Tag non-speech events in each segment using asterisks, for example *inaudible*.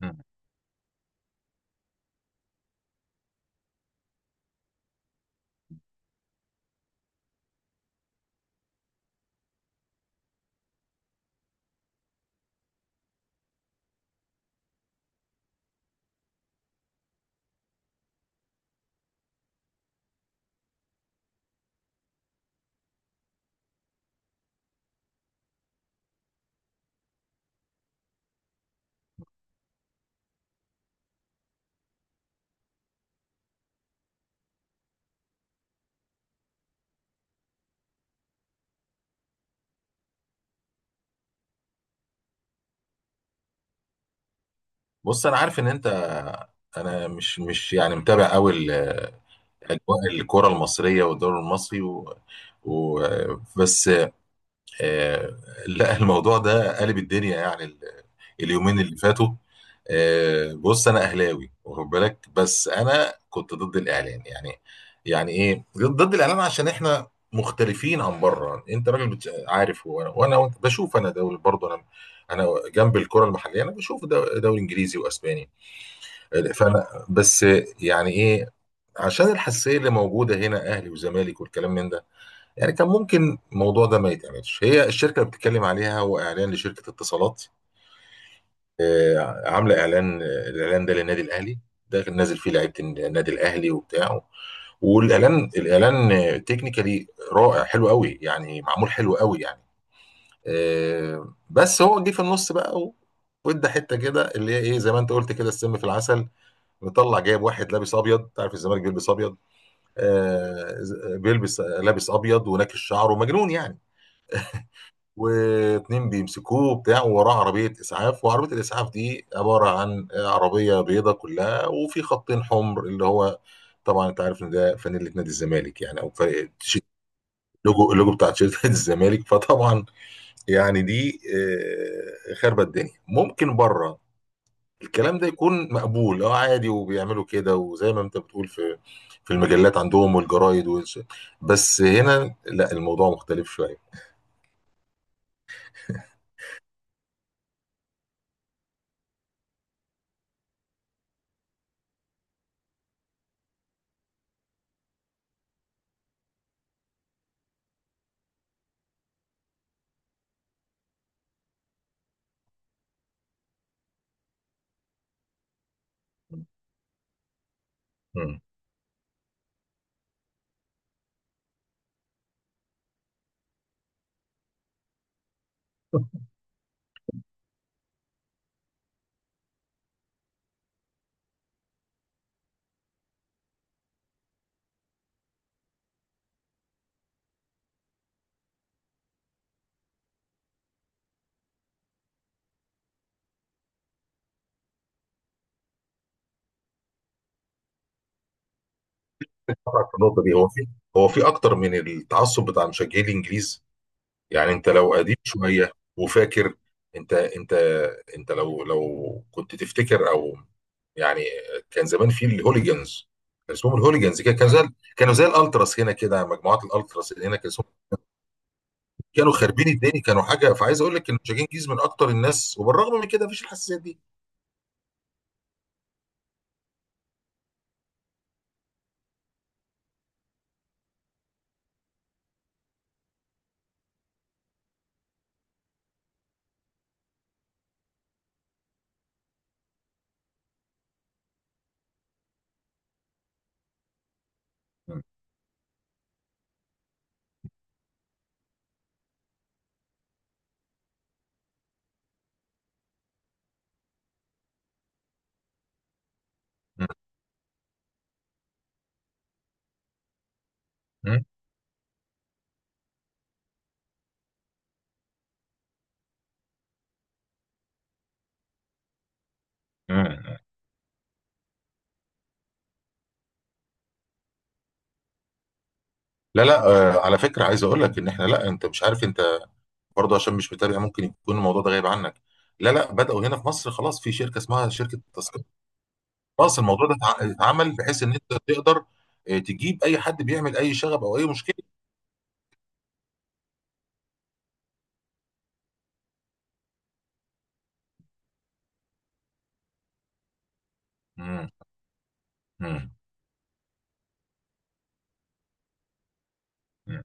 مم. بص، انا عارف ان انت. انا مش يعني متابع قوي اجواء الكره المصريه والدوري المصري و... بس. آه، لا، الموضوع ده قلب الدنيا، يعني اليومين اللي فاتوا. بص، انا اهلاوي واخد بالك، بس انا كنت ضد الاعلان يعني. يعني ايه ضد الاعلان؟ عشان احنا مختلفين عن بره. انت راجل عارف، بشوف انا دوري برضه. انا جنب الكره المحليه، انا بشوف دوري انجليزي واسباني. فانا بس يعني ايه؟ عشان الحساسيه اللي موجوده هنا، اهلي وزمالك والكلام من ده، يعني كان ممكن الموضوع ده ما يتعملش. هي الشركه اللي بتتكلم عليها هو اعلان لشركه اتصالات، عامله اعلان. الاعلان ده للنادي الاهلي، ده كان نازل فيه لعيبه النادي الاهلي وبتاع. والاعلان تكنيكالي رائع، حلو قوي يعني، معمول حلو قوي يعني. بس هو جه في النص بقى وادى حته كده اللي هي ايه، زي ما انت قلت كده، السم في العسل. مطلع جايب واحد لابس ابيض، انت عارف الزمالك بيلبس ابيض. آه بيلبس لابس ابيض وناكش شعره مجنون يعني، واتنين بيمسكوه بتاع، ووراه عربيه اسعاف. وعربيه الاسعاف دي عباره عن عربيه بيضه كلها وفي خطين حمر، اللي هو طبعا انت عارف ان ده فانيله نادي الزمالك يعني، او فريق اللوجو بتاع تيشيرت نادي الزمالك *laughs* فطبعا يعني دي خربت الدنيا. ممكن بره الكلام ده يكون مقبول، اه، عادي، وبيعملوا كده، وزي ما انت بتقول في المجلات عندهم والجرايد بس هنا لا، الموضوع مختلف شويه. مم. طبعا في النقطه دي هو في اكتر من التعصب بتاع مشجعي الانجليز، يعني انت لو قديم شويه وفاكر. انت انت انت لو كنت تفتكر او يعني. كان زمان في الهوليجنز، كان اسمهم الهوليجنز كده، كانوا زي الالتراس هنا كده، مجموعات الالتراس اللي هنا كان اسمهم كانوا خاربين الدنيا. كانوا حاجه، فعايز اقول لك ان شاكين جيز من اكتر الناس، وبالرغم من كده مفيش الحساسيات دي. م- م- م- لا لا، على فكره عايز اقول لك ان احنا. لا انت مش عارف، انت برضه عشان مش متابع ممكن يكون الموضوع ده غايب عنك. لا لا، بداوا هنا في مصر خلاص، في شركه اسمها شركه تذكره. خلاص الموضوع ده اتعمل بحيث ان انت تقدر، تجيب اي حد بيعمل اي شغب او اي مشكله. م- م- م-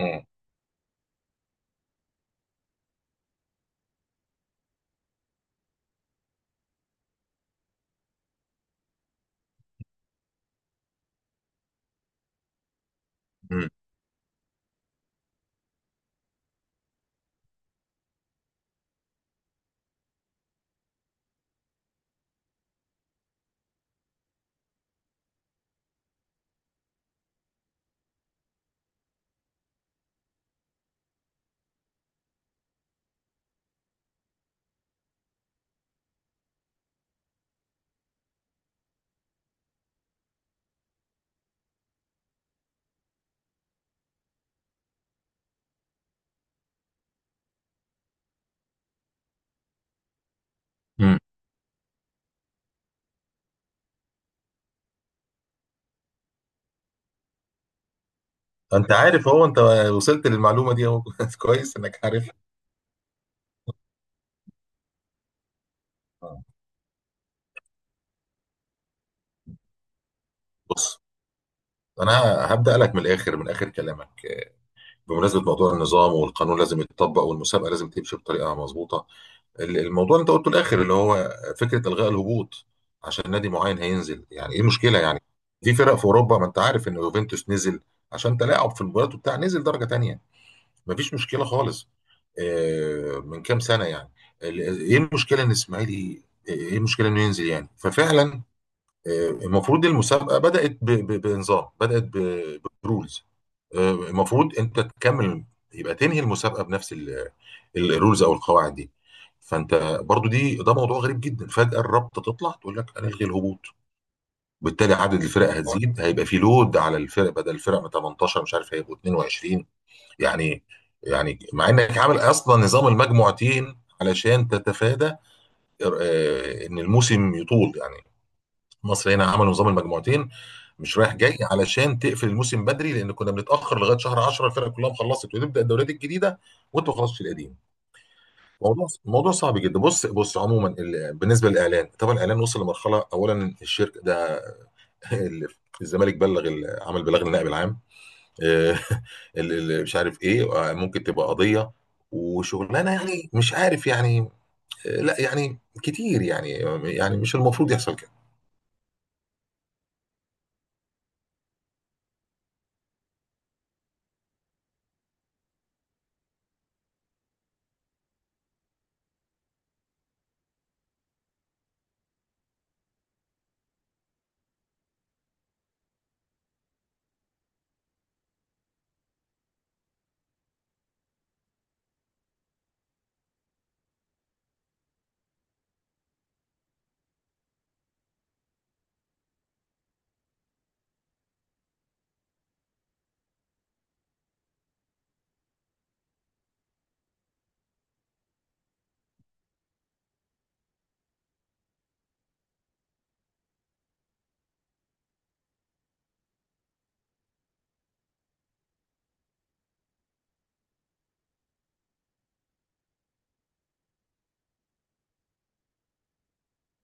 م- م- م. انت عارف هو انت وصلت للمعلومه دي اهو *laughs* كويس انك عارف. بص، انا هبدا لك من الاخر، من اخر كلامك. بمناسبه موضوع النظام والقانون لازم يتطبق، والمسابقه لازم تمشي بطريقه مظبوطه. الموضوع اللي انت قلته الاخر، اللي هو فكره الغاء الهبوط عشان نادي معين هينزل، يعني ايه المشكله يعني؟ في فرق في اوروبا، ما انت عارف ان يوفنتوس نزل عشان تلاعب في المباريات وبتاع، نزل درجه تانية. مفيش مشكله خالص. من كام سنه يعني. ايه المشكله ان اسماعيلي، ايه المشكله انه ينزل يعني؟ ففعلا، المفروض المسابقه بدات بنظام، بدات برولز. المفروض انت تكمل، يبقى تنهي المسابقه بنفس الرولز او القواعد دي. فانت برضو دي، ده موضوع غريب جدا. فجاه الرابطه تطلع تقول لك هنلغي الهبوط، بالتالي عدد الفرق هتزيد، هيبقى في لود على الفرق، بدل الفرق من 18 مش عارف هيبقوا 22. يعني يعني مع انك عامل اصلا نظام المجموعتين علشان تتفادى ان الموسم يطول يعني. مصر هنا عملوا نظام المجموعتين مش رايح جاي علشان تقفل الموسم بدري، لان كنا بنتاخر لغايه شهر 10 الفرق كلها خلصت وتبدا الدوريات الجديده، وانت ما خلصتش القديم. موضوع موضوع صعب جدا. بص بص، عموما بالنسبه للاعلان، طبعا الاعلان وصل لمرحله. اولا الشركه ده *laughs* ال- الزمالك بلغ، عمل بلاغ للنائب العام. آه، *laughs* مش عارف ايه، ممكن تبقى قضيه وشغلانه يعني، مش عارف يعني. لا يعني كتير يعني، يعني مش المفروض يحصل كده.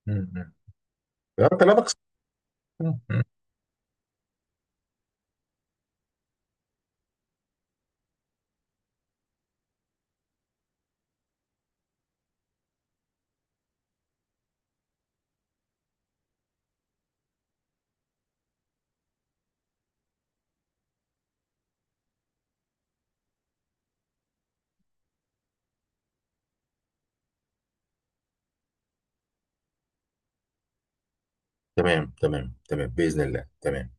مم. فانت لا، بأس. تمام تمام تمام، بإذن الله. تمام.